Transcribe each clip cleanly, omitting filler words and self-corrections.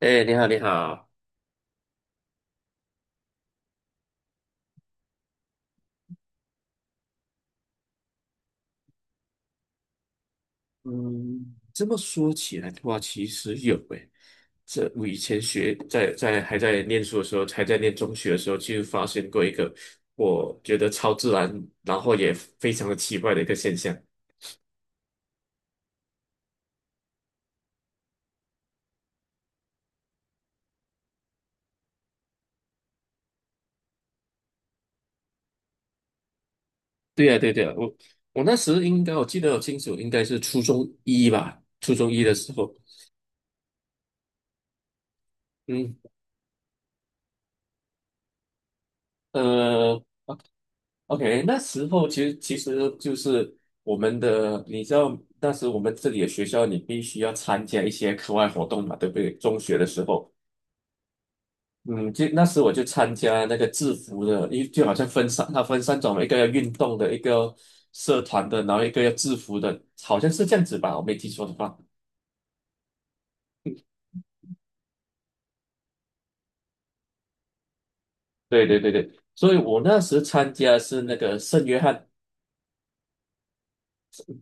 哎，你好，你好。嗯，这么说起来的话，其实有诶。这我以前学在还在念书的时候，还在念中学的时候，就发现过一个我觉得超自然，然后也非常的奇怪的一个现象。对呀，对对呀，我那时应该我记得很清楚，应该是初中一吧，初中一的时候，嗯呃，OK，那时候其实就是我们的，你知道，当时我们这里的学校，你必须要参加一些课外活动嘛，对不对？中学的时候，嗯，就那时我就参加那个制服的，因为就好像分三，它分三种，一个要运动的，一个社团的，然后一个要制服的，好像是这样子吧，我没记错的话。对对对对，所以我那时参加是那个圣约翰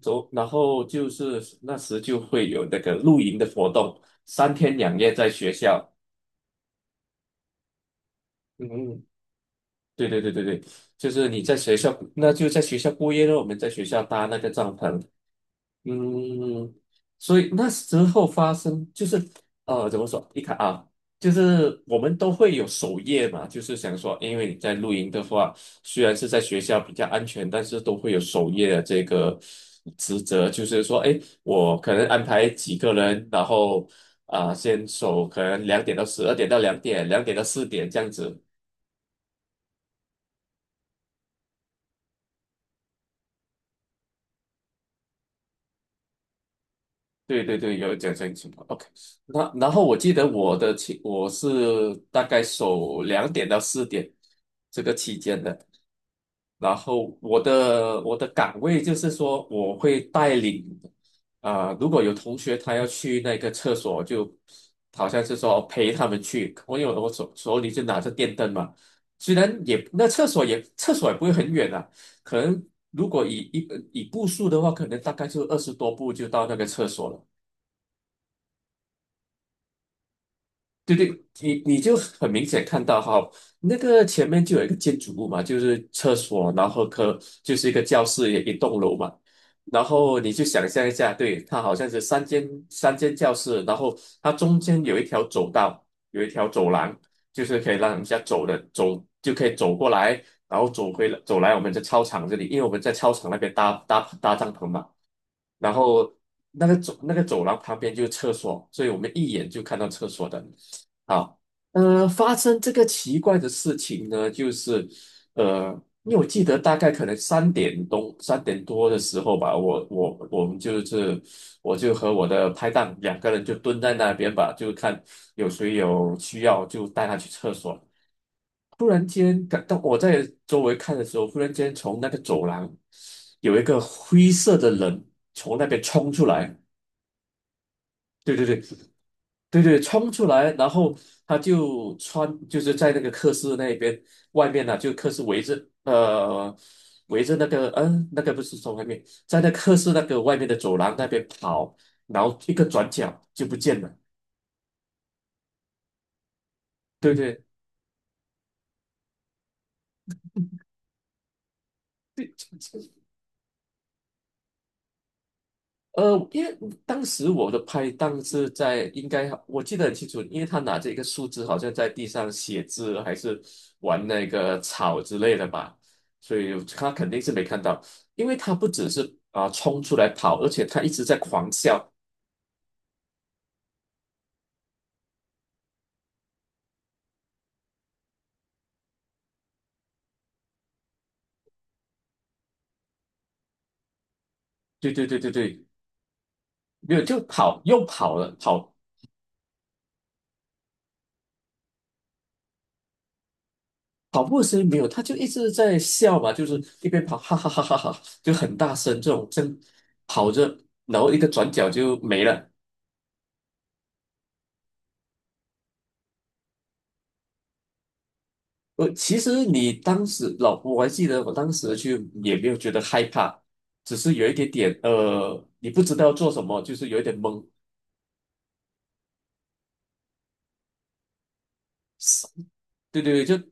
走，然后就是那时就会有那个露营的活动，三天两夜在学校。嗯，对对对对对，就是你在学校，那就在学校过夜了。我们在学校搭那个帐篷，嗯，所以那时候发生就是怎么说？你看啊，就是我们都会有守夜嘛，就是想说，因为你在露营的话，虽然是在学校比较安全，但是都会有守夜的这个职责，就是说，哎，我可能安排几个人，然后先守，可能两点到十二点到两点，两点到四点这样子。对对对，有这种情况。OK,那然后我记得我的期我是大概守两点到四点这个期间的，然后我的岗位就是说我会带领如果有同学他要去那个厕所，就好像是说陪他们去，我有我手里就拿着电灯嘛，虽然也那厕所也不会很远啊，可能如果以一以步数的话，可能大概就二十多步就到那个厕所了。对对，你你就很明显看到哈，那个前面就有一个建筑物嘛，就是厕所，然后科就是一个教室，也一栋楼嘛。然后你就想象一下，对，它好像是三间教室，然后它中间有一条走道，有一条走廊，就是可以让人家走的，走就可以走过来，然后走回走来我们在操场这里，因为我们在操场那边搭帐篷嘛。然后那个走廊旁边就是厕所，所以我们一眼就看到厕所的。好，发生这个奇怪的事情呢，就是呃，因为我记得大概可能三点多的时候吧，我们就是我就和我的拍档两个人就蹲在那边吧，就看有谁有需要就带他去厕所。忽然间感到我在周围看的时候，忽然间从那个走廊有一个灰色的人从那边冲出来，对对对，对,冲出来，然后他就穿就是在那个课室那边外面呢、就课室围着围着那个那个不是从外面，在那课室那个外面的走廊那边跑，然后一个转角就不见了，对对对，因为当时我的拍档是在，应该我记得很清楚，因为他拿着一个树枝，好像在地上写字，还是玩那个草之类的吧，所以他肯定是没看到，因为他不只是冲出来跑，而且他一直在狂笑，对对对对对，没有就跑又跑了，跑跑步的声音没有，他就一直在笑嘛，就是一边跑哈哈哈哈哈，就很大声这种正跑着，然后一个转角就没了。我其实你当时老婆，我还记得我当时就也没有觉得害怕，只是有一点点你不知道做什么，就是有一点懵。对对对，就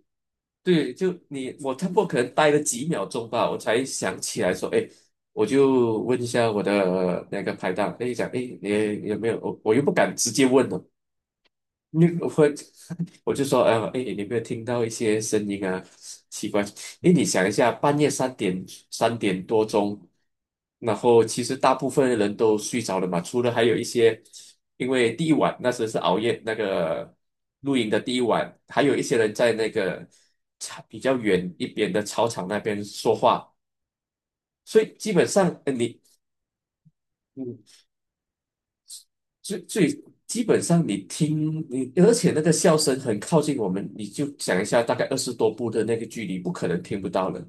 对，就你我差不多可能待了几秒钟吧，我才想起来说，哎，我就问一下我的那个拍档，哎，讲，哎，你有没有？我又不敢直接问了。你会，我就说，哎，你有没有听到一些声音啊？奇怪，哎，你想一下，半夜三点三点多钟，然后其实大部分人都睡着了嘛，除了还有一些，因为第一晚那时候是熬夜那个露营的第一晚，还有一些人在那个草比较远一边的操场那边说话，所以基本上，你。嗯最最基本上你听你，而且那个笑声很靠近我们，你就想一下，大概二十多步的那个距离，不可能听不到了。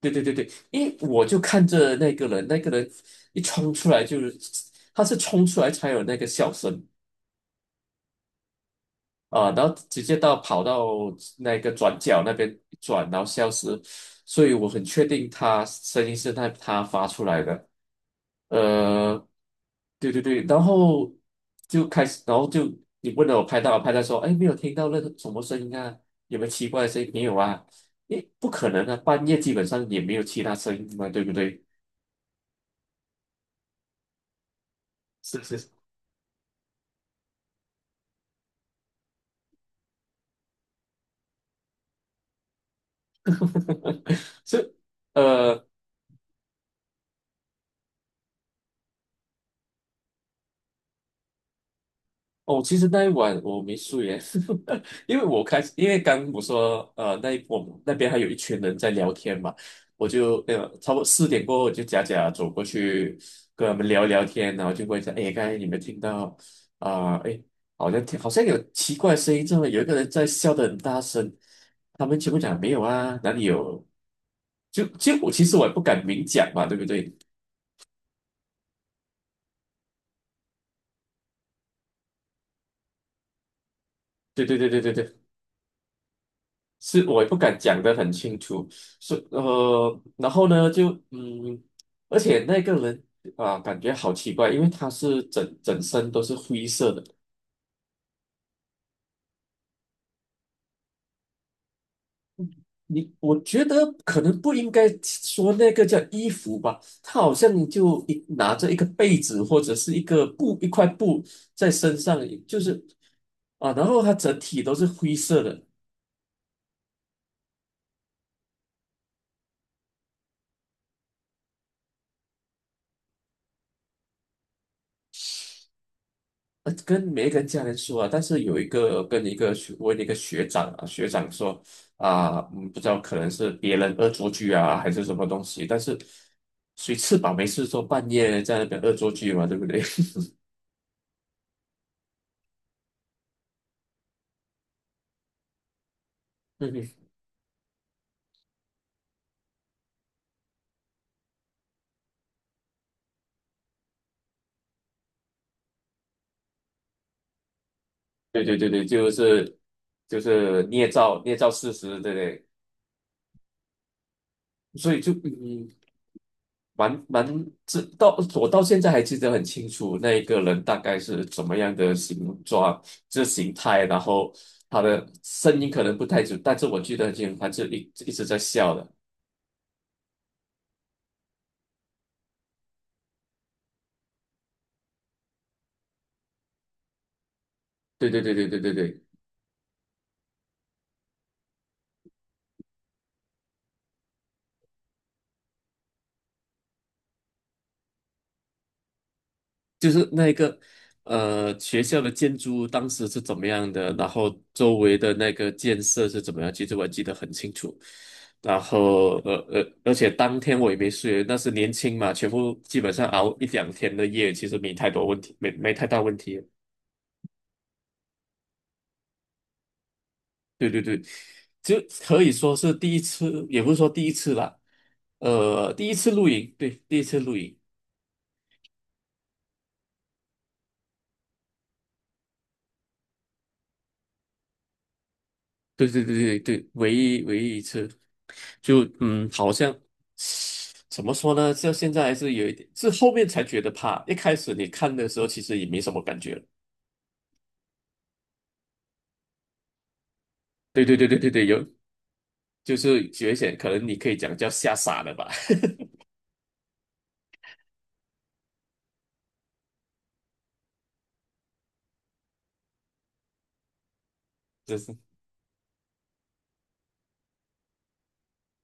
对对对对，因为我就看着那个人，那个人一冲出来就是，他是冲出来才有那个笑声啊，然后直接到跑到那个转角那边一转，然后消失，所以我很确定他声音是他发出来的。呃，对对对，然后就开始，然后就你问了我拍到，我拍到说，哎，没有听到那个什么声音啊，有没有奇怪的声音？没有啊，诶，不可能啊，半夜基本上也没有其他声音嘛，对不对？是是是，是，呃。哦，其实那一晚我没睡耶，因为我开始，因为刚我说，那一我们那边还有一群人在聊天嘛，我就差不多四点过后，我就假假走过去跟他们聊聊天，然后就问一下，哎，刚才你们听到啊，好像听好像有奇怪的声音，这么有一个人在笑的很大声，他们全部讲没有啊，哪里有？就就我其实我也不敢明讲嘛，对不对？对对对对对对，是我也不敢讲得很清楚，是然后呢，就而且那个人啊，感觉好奇怪，因为他是整整身都是灰色的。你我觉得可能不应该说那个叫衣服吧，他好像就一拿着一个被子或者是一个布一块布在身上，就是啊，然后他整体都是灰色的，跟没跟家人说啊，但是有一个跟一个学问一个学长啊，学长说啊，嗯，不知道可能是别人恶作剧啊，还是什么东西，但是谁吃饱没事做，半夜在那边恶作剧嘛，对不对？嗯哼对对对对，就是捏造事实，对不对？所以就嗯，蛮蛮知到我到现在还记得很清楚，那一个人大概是怎么样的形状，这形态，然后他的声音可能不太准，但是我记得很清楚，他是一直在笑的。对对对对对对对。就是那个学校的建筑物当时是怎么样的，然后周围的那个建设是怎么样，其实我记得很清楚。然后而且当天我也没睡，那是年轻嘛，全部基本上熬一两天的夜，其实没太多问题，没没太大问题。对对对，就可以说是第一次，也不是说第一次啦，第一次露营，对，第一次露营。对对对对对，唯一一次，就嗯，好像怎么说呢？这现在还是有一点，是后面才觉得怕。一开始你看的时候，其实也没什么感觉。对对对对对对，有就是觉醒，可能你可以讲叫吓傻了吧，就是。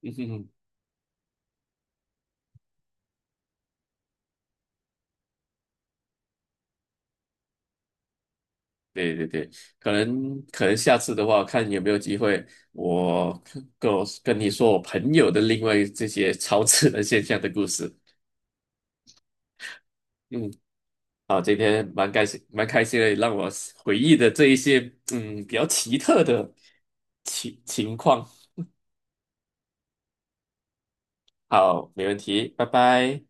嗯哼哼，对对对，可能可能下次的话，看有没有机会，我我跟你说我朋友的另外这些 超自然现象的故事。嗯。啊，今天蛮开心，蛮开心的，让我回忆的这一些嗯比较奇特的情况。好，没问题，拜拜。